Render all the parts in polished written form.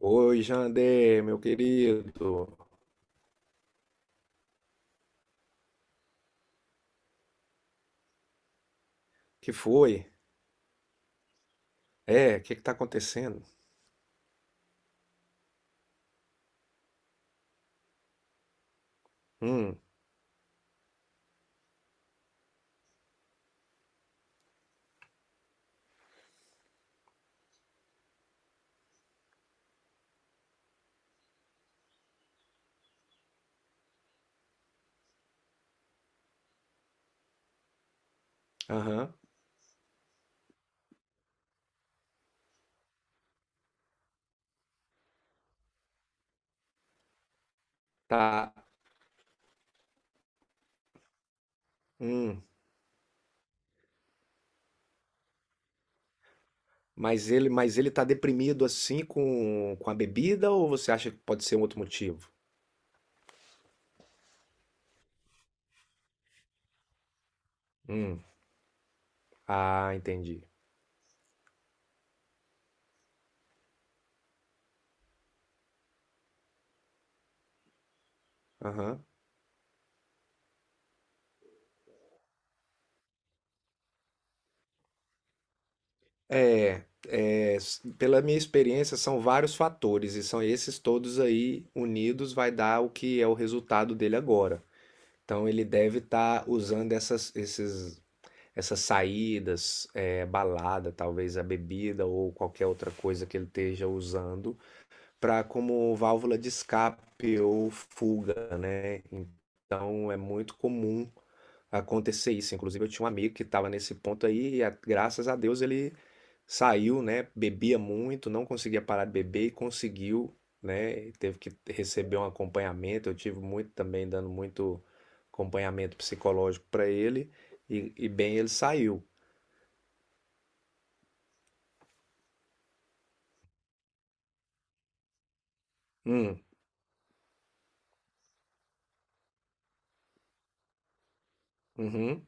Oi, Jander, meu querido. Que foi? É, o que que tá acontecendo? Hum, aham, tá. Hum. Mas ele tá deprimido assim com a bebida ou você acha que pode ser um outro motivo? Hum. Ah, entendi. Aham. Pela minha experiência, são vários fatores e são esses todos aí unidos vai dar o que é o resultado dele agora. Então ele deve estar usando essas saídas, é, balada, talvez a bebida ou qualquer outra coisa que ele esteja usando, para como válvula de escape ou fuga, né? Então é muito comum acontecer isso. Inclusive, eu tinha um amigo que estava nesse ponto aí e, graças a Deus, ele saiu, né? Bebia muito, não conseguia parar de beber e conseguiu, né? Teve que receber um acompanhamento. Eu tive muito também, dando muito acompanhamento psicológico para ele. E bem, ele saiu. Hum, uhum,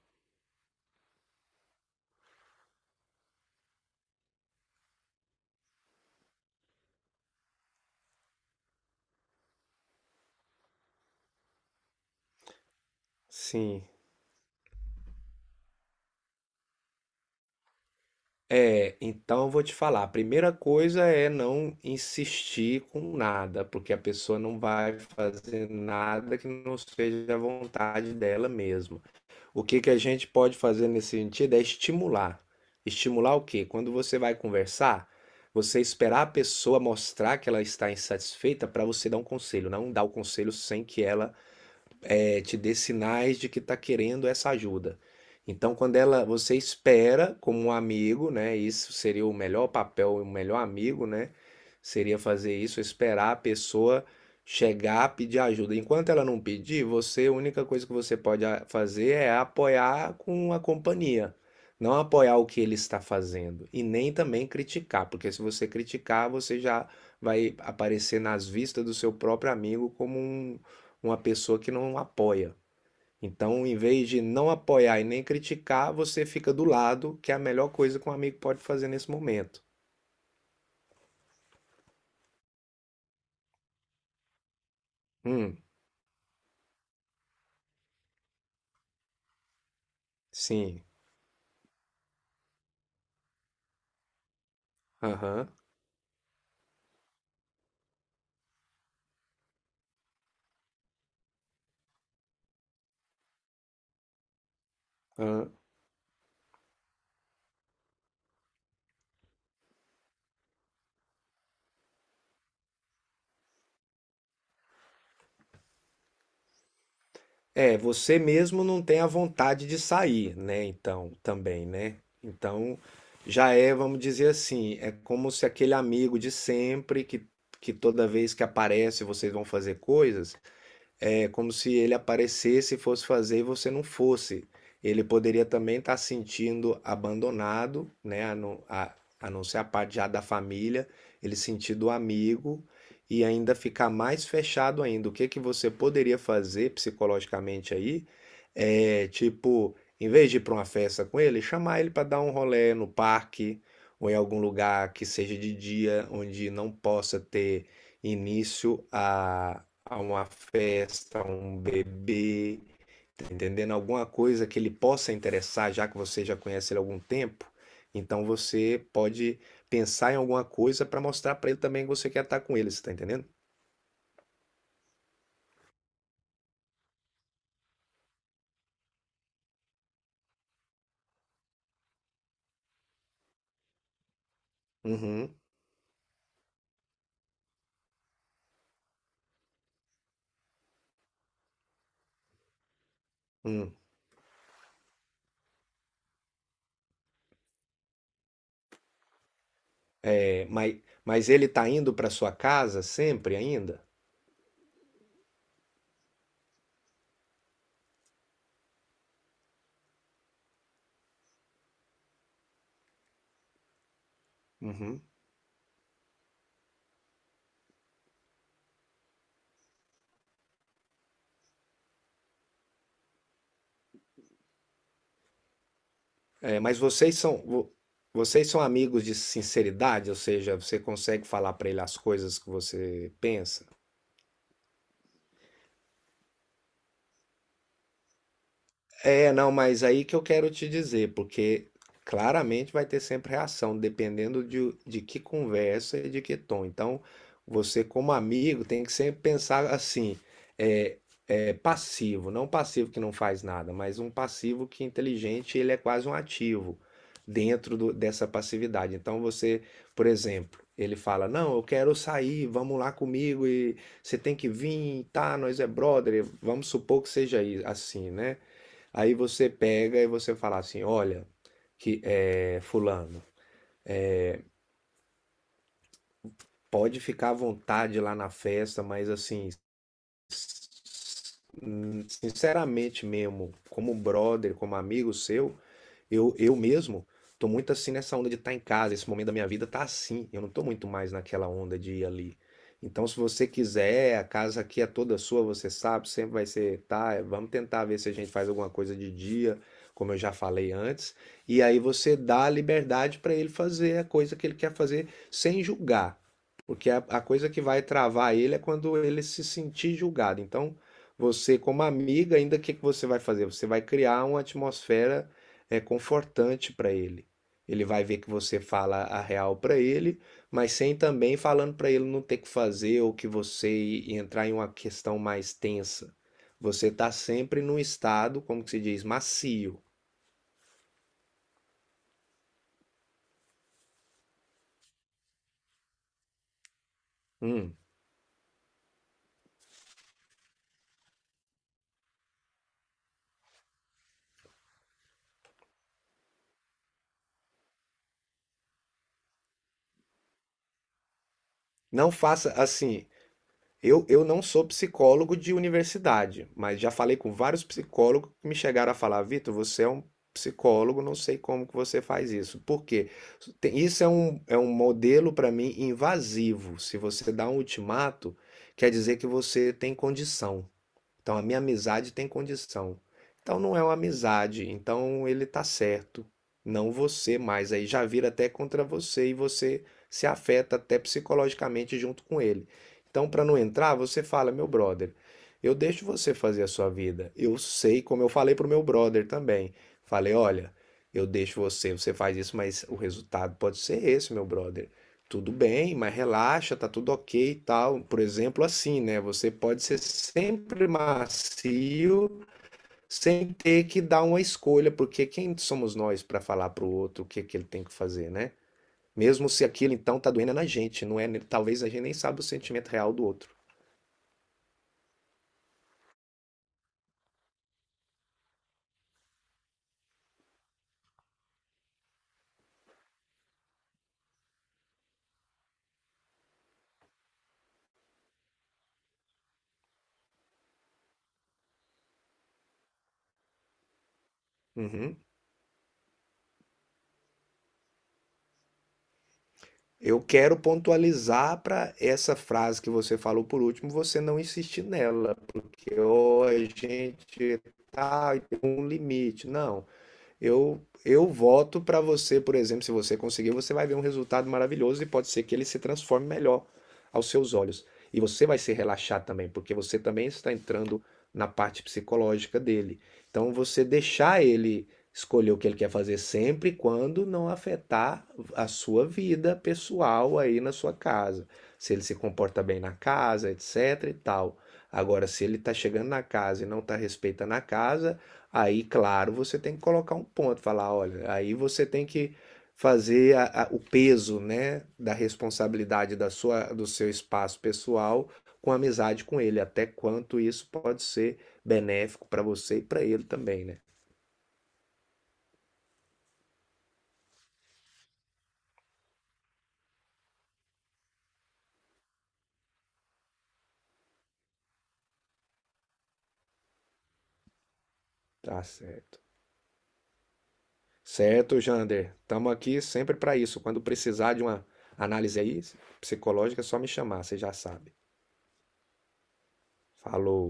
sim. É, então eu vou te falar. A primeira coisa é não insistir com nada, porque a pessoa não vai fazer nada que não seja a vontade dela mesma. O que que a gente pode fazer nesse sentido é estimular. Estimular o quê? Quando você vai conversar, você esperar a pessoa mostrar que ela está insatisfeita para você dar um conselho, não dar o conselho sem que ela te dê sinais de que está querendo essa ajuda. Então, quando ela, você espera como um amigo, né? Isso seria o melhor papel, o melhor amigo, né? Seria fazer isso, esperar a pessoa chegar, pedir ajuda. Enquanto ela não pedir, você, a única coisa que você pode fazer é apoiar com a companhia. Não apoiar o que ele está fazendo e nem também criticar, porque se você criticar, você já vai aparecer nas vistas do seu próprio amigo como um, uma pessoa que não apoia. Então, em vez de não apoiar e nem criticar, você fica do lado, que é a melhor coisa que um amigo pode fazer nesse momento. Hum, sim, aham, aham. É, você mesmo não tem a vontade de sair, né? Então, também, né? Então, já é, vamos dizer assim, é como se aquele amigo de sempre que toda vez que aparece vocês vão fazer coisas. É como se ele aparecesse e fosse fazer e você não fosse. Ele poderia também estar se sentindo abandonado, né? A não, a não ser a parte já da família, ele sentido amigo e ainda ficar mais fechado ainda. O que que você poderia fazer psicologicamente aí? É tipo, em vez de ir para uma festa com ele, chamar ele para dar um rolê no parque ou em algum lugar que seja de dia, onde não possa ter início a uma festa, a um bebê, tá entendendo? Alguma coisa que ele possa interessar, já que você já conhece ele há algum tempo. Então você pode pensar em alguma coisa para mostrar para ele também que você quer estar com ele, você tá entendendo? Uhum. Hum. É, mas ele tá indo para sua casa sempre ainda? Uhum. É, mas vocês são amigos de sinceridade, ou seja, você consegue falar para ele as coisas que você pensa? É, não, mas aí que eu quero te dizer, porque claramente vai ter sempre reação, dependendo de que conversa e de que tom. Então, você, como amigo, tem que sempre pensar assim: é, é passivo, não passivo que não faz nada, mas um passivo que inteligente, ele é quase um ativo dessa passividade. Então, você, por exemplo, ele fala: Não, eu quero sair, vamos lá comigo e você tem que vir, tá? Nós é brother, vamos supor que seja assim, né? Aí você pega e você fala assim: olha, que é, fulano, pode ficar à vontade lá na festa, mas assim, sinceramente mesmo, como brother, como amigo seu, eu mesmo tô muito assim nessa onda de estar em casa. Esse momento da minha vida tá assim. Eu não tô muito mais naquela onda de ir ali. Então, se você quiser, a casa aqui é toda sua, você sabe, sempre vai ser, tá? Vamos tentar ver se a gente faz alguma coisa de dia, como eu já falei antes. E aí você dá a liberdade para ele fazer a coisa que ele quer fazer sem julgar. Porque a coisa que vai travar ele é quando ele se sentir julgado. Então, você, como amiga, ainda o que que você vai fazer? Você vai criar uma atmosfera é, confortante para ele. Ele vai ver que você fala a real para ele, mas sem também falando para ele não ter que fazer ou que você entrar em uma questão mais tensa. Você está sempre num estado, como que se diz, macio. Hum. Não faça assim. Eu não sou psicólogo de universidade, mas já falei com vários psicólogos que me chegaram a falar, Vitor, você é um psicólogo, não sei como que você faz isso. Por quê? Isso é um modelo para mim invasivo. Se você dá um ultimato, quer dizer que você tem condição. Então a minha amizade tem condição. Então não é uma amizade, então ele tá certo, não você mais. Aí já vira até contra você e você se afeta até psicologicamente junto com ele. Então para não entrar, você fala, meu brother, eu deixo você fazer a sua vida. Eu sei, como eu falei pro meu brother também. Falei, olha, eu deixo você, você faz isso, mas o resultado pode ser esse, meu brother. Tudo bem, mas relaxa, tá tudo ok e tal. Por exemplo, assim, né? Você pode ser sempre macio sem ter que dar uma escolha, porque quem somos nós para falar pro outro o que que ele tem que fazer, né? Mesmo se aquilo então tá doendo na gente, não é? Talvez a gente nem sabe o sentimento real do outro. Uhum. Eu quero pontualizar para essa frase que você falou por último, você não insistir nela, porque ou a gente tá tem um limite. Não. Eu voto para você, por exemplo, se você conseguir, você vai ver um resultado maravilhoso e pode ser que ele se transforme melhor aos seus olhos. E você vai se relaxar também, porque você também está entrando na parte psicológica dele. Então você deixar ele escolher o que ele quer fazer sempre quando não afetar a sua vida pessoal aí na sua casa. Se ele se comporta bem na casa, etc e tal. Agora, se ele está chegando na casa e não está respeitando a casa, aí, claro, você tem que colocar um ponto, falar, olha, aí você tem que fazer o peso, né, da responsabilidade da sua, do seu espaço pessoal com a amizade com ele, até quanto isso pode ser benéfico para você e para ele também, né? Tá certo. Certo, Jander. Estamos aqui sempre para isso. Quando precisar de uma análise aí psicológica, é só me chamar, você já sabe. Falou.